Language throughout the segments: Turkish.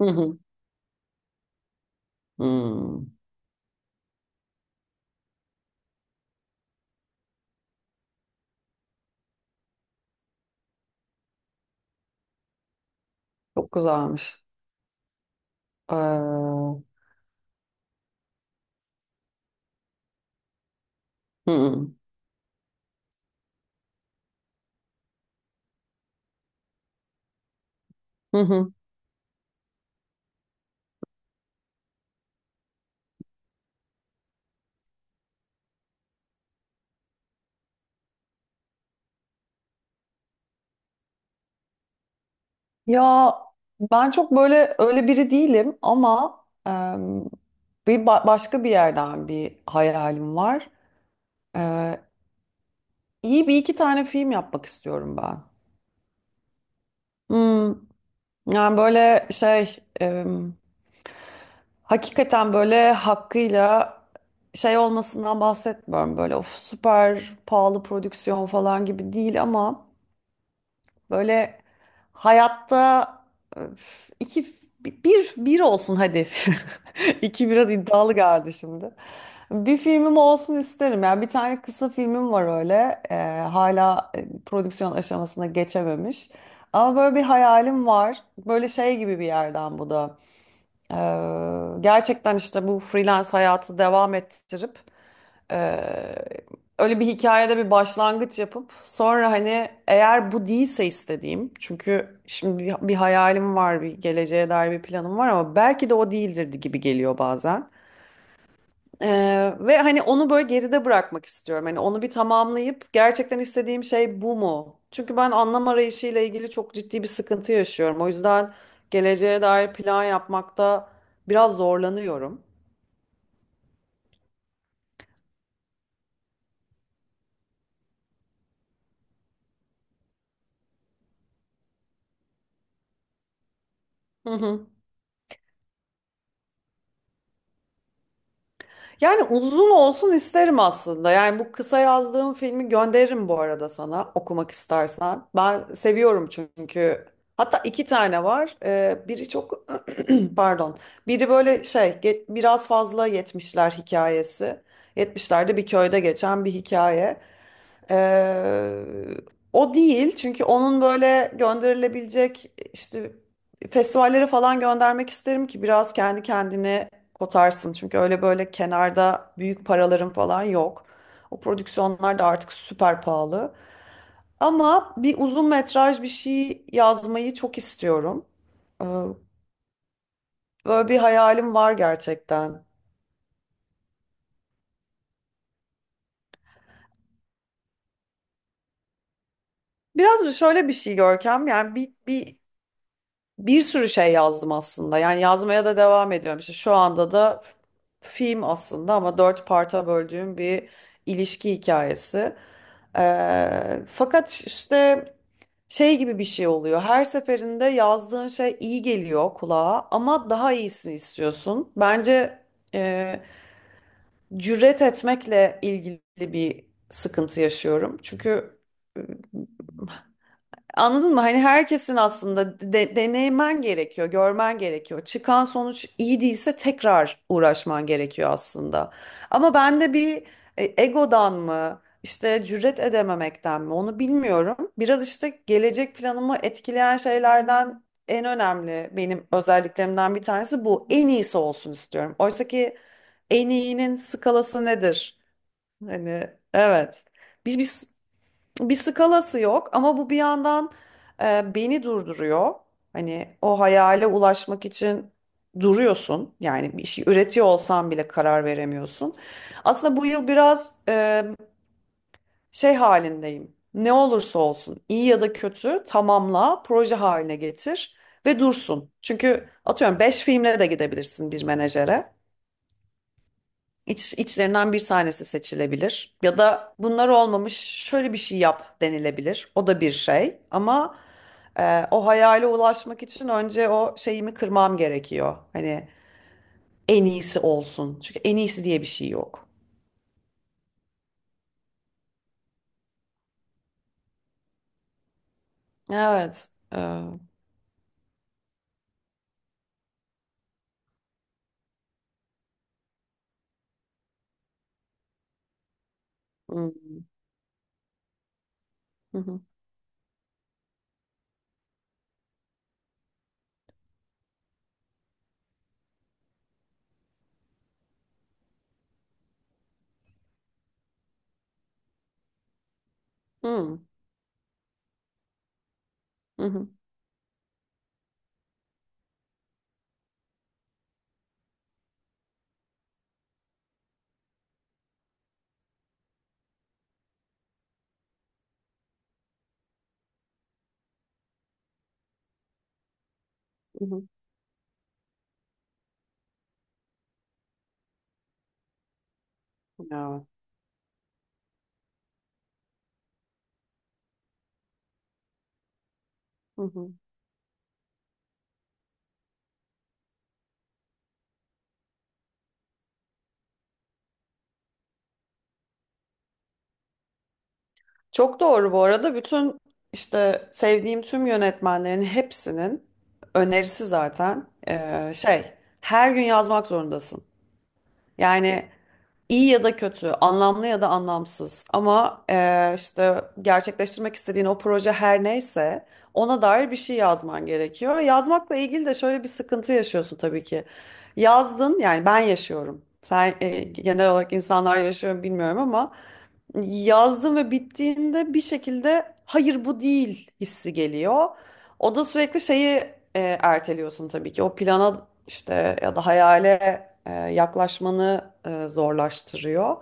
Hı hı. Hmm. Çok güzelmiş. Hı hı. Hı hı. Ya ben çok böyle öyle biri değilim ama em, bir başka bir yerden bir hayalim var. Ee, iyi bir iki tane film yapmak istiyorum ben. Hmm, yani böyle şey hakikaten böyle hakkıyla şey olmasından bahsetmiyorum. Böyle of süper pahalı prodüksiyon falan gibi değil ama. Böyle hayatta öf, iki bir olsun hadi. İki biraz iddialı geldi şimdi. Bir filmim olsun isterim. Yani bir tane kısa filmim var öyle. Hala prodüksiyon aşamasına geçememiş. Ama böyle bir hayalim var. Böyle şey gibi bir yerden bu da. Gerçekten işte bu freelance hayatı devam ettirip ee, öyle bir hikayede bir başlangıç yapıp sonra hani eğer bu değilse istediğim çünkü şimdi bir hayalim var bir geleceğe dair bir planım var ama belki de o değildir gibi geliyor bazen. Ee, ve hani onu böyle geride bırakmak istiyorum. Hani onu bir tamamlayıp gerçekten istediğim şey bu mu? Çünkü ben anlam arayışıyla ilgili çok ciddi bir sıkıntı yaşıyorum. O yüzden geleceğe dair plan yapmakta biraz zorlanıyorum. Yani uzun olsun isterim aslında. Yani bu kısa yazdığım filmi gönderirim bu arada sana okumak istersen. Ben seviyorum çünkü. Hatta iki tane var. Biri çok pardon. Biri böyle şey biraz fazla yetmişler hikayesi. Yetmişlerde bir köyde geçen bir hikaye. Ee, o değil çünkü onun böyle gönderilebilecek işte festivallere falan göndermek isterim ki biraz kendi kendini kotarsın. Çünkü öyle böyle kenarda büyük paraların falan yok. O prodüksiyonlar da artık süper pahalı. Ama bir uzun metraj bir şey yazmayı çok istiyorum. Ee, Böyle bir hayalim var gerçekten. Biraz şöyle bir şey Görkem, yani bir sürü şey yazdım aslında. Yani yazmaya da devam ediyorum. İşte şu anda da film aslında ama dört parta böldüğüm bir ilişki hikayesi. Fakat işte şey gibi bir şey oluyor. Her seferinde yazdığın şey iyi geliyor kulağa ama daha iyisini istiyorsun. Bence e, cüret etmekle ilgili bir sıkıntı yaşıyorum. Çünkü. Anladın mı? Hani herkesin aslında deneymen gerekiyor, görmen gerekiyor. Çıkan sonuç iyi değilse tekrar uğraşman gerekiyor aslında. Ama bende bir egodan mı, işte cüret edememekten mi onu bilmiyorum. Biraz işte gelecek planımı etkileyen şeylerden en önemli benim özelliklerimden bir tanesi bu. En iyisi olsun istiyorum. Oysa ki en iyinin skalası nedir? Hani evet. Biz bir skalası yok ama bu bir yandan beni durduruyor. Hani o hayale ulaşmak için duruyorsun. Yani bir şey üretiyor olsan bile karar veremiyorsun. Aslında bu yıl biraz şey halindeyim. Ne olursa olsun, iyi ya da kötü tamamla, proje haline getir ve dursun. Çünkü atıyorum 5 filmle de gidebilirsin bir menajere. İç, içlerinden bir tanesi seçilebilir. Ya da bunlar olmamış şöyle bir şey yap denilebilir. O da bir şey. Ama o hayale ulaşmak için önce o şeyimi kırmam gerekiyor. Hani en iyisi olsun. Çünkü en iyisi diye bir şey yok. Evet. Hmm. Hı, hı. Hmm. Hı, hı, hı, hı, hı. Evet. Çok doğru bu arada. Bütün işte sevdiğim tüm yönetmenlerin hepsinin önerisi zaten şey, her gün yazmak zorundasın. Yani İyi ya da kötü, anlamlı ya da anlamsız ama işte gerçekleştirmek istediğin o proje her neyse ona dair bir şey yazman gerekiyor. Yazmakla ilgili de şöyle bir sıkıntı yaşıyorsun tabii ki. Yazdın yani ben yaşıyorum. Sen genel olarak insanlar yaşıyor mu bilmiyorum ama yazdın ve bittiğinde bir şekilde hayır bu değil hissi geliyor. O da sürekli şeyi erteliyorsun tabii ki, o plana işte ya da hayale yaklaşmanı zorlaştırıyor.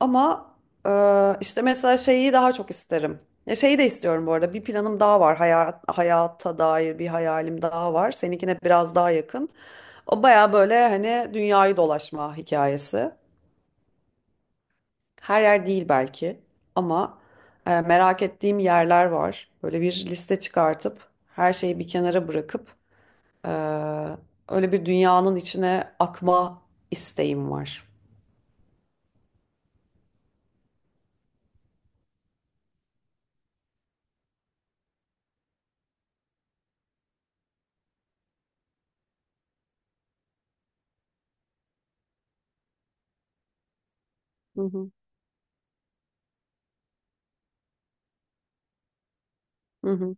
Ama e, işte mesela şeyi daha çok isterim. Ya şeyi de istiyorum bu arada. Bir planım daha var. Hayata dair bir hayalim daha var. Seninkine biraz daha yakın. O baya böyle hani dünyayı dolaşma hikayesi. Her yer değil belki ama merak ettiğim yerler var. Böyle bir liste çıkartıp her şeyi bir kenara bırakıp e, öyle bir dünyanın içine akma isteğim var. Hı hı. Hı hı.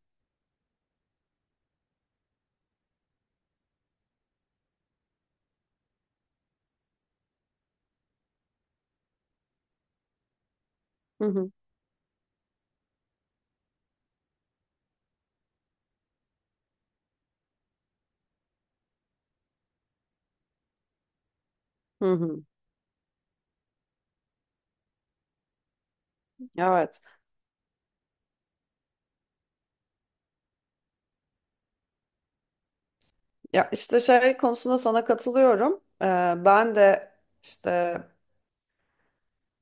Hı hı. Hı hı. Evet. Ya işte şey konusunda sana katılıyorum. Ben de işte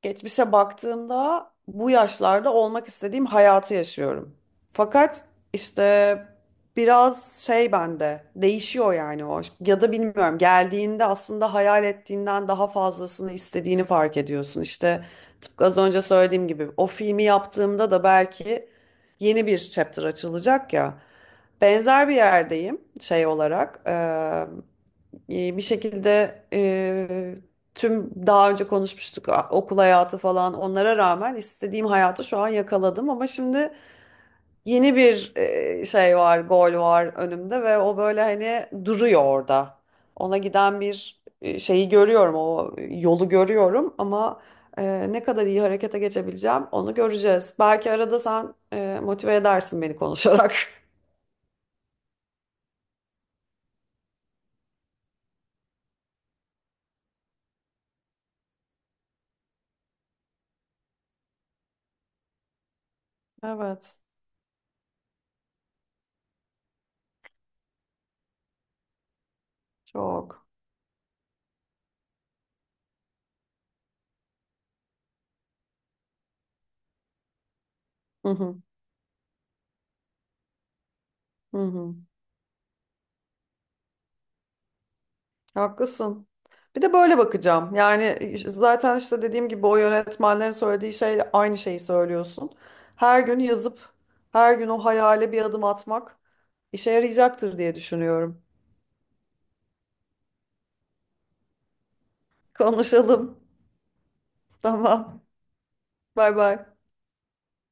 geçmişe baktığımda bu yaşlarda olmak istediğim hayatı yaşıyorum. Fakat işte biraz şey bende değişiyor, yani o ya da bilmiyorum, geldiğinde aslında hayal ettiğinden daha fazlasını istediğini fark ediyorsun. İşte tıpkı az önce söylediğim gibi, o filmi yaptığımda da belki yeni bir chapter açılacak ya. Benzer bir yerdeyim şey olarak. Bir şekilde tüm daha önce konuşmuştuk, okul hayatı falan, onlara rağmen istediğim hayatı şu an yakaladım ama şimdi yeni bir şey var, gol var önümde ve o böyle hani duruyor orada. Ona giden bir şeyi görüyorum, o yolu görüyorum ama ne kadar iyi harekete geçebileceğim onu göreceğiz. Belki arada sen motive edersin beni konuşarak. Evet, çok. Hı hı. Hı hı. Haklısın. Bir de böyle bakacağım. Yani zaten işte dediğim gibi, o yönetmenlerin söylediği şeyle aynı şeyi söylüyorsun. Her gün yazıp her gün o hayale bir adım atmak işe yarayacaktır diye düşünüyorum. Konuşalım. Tamam. Bay bay.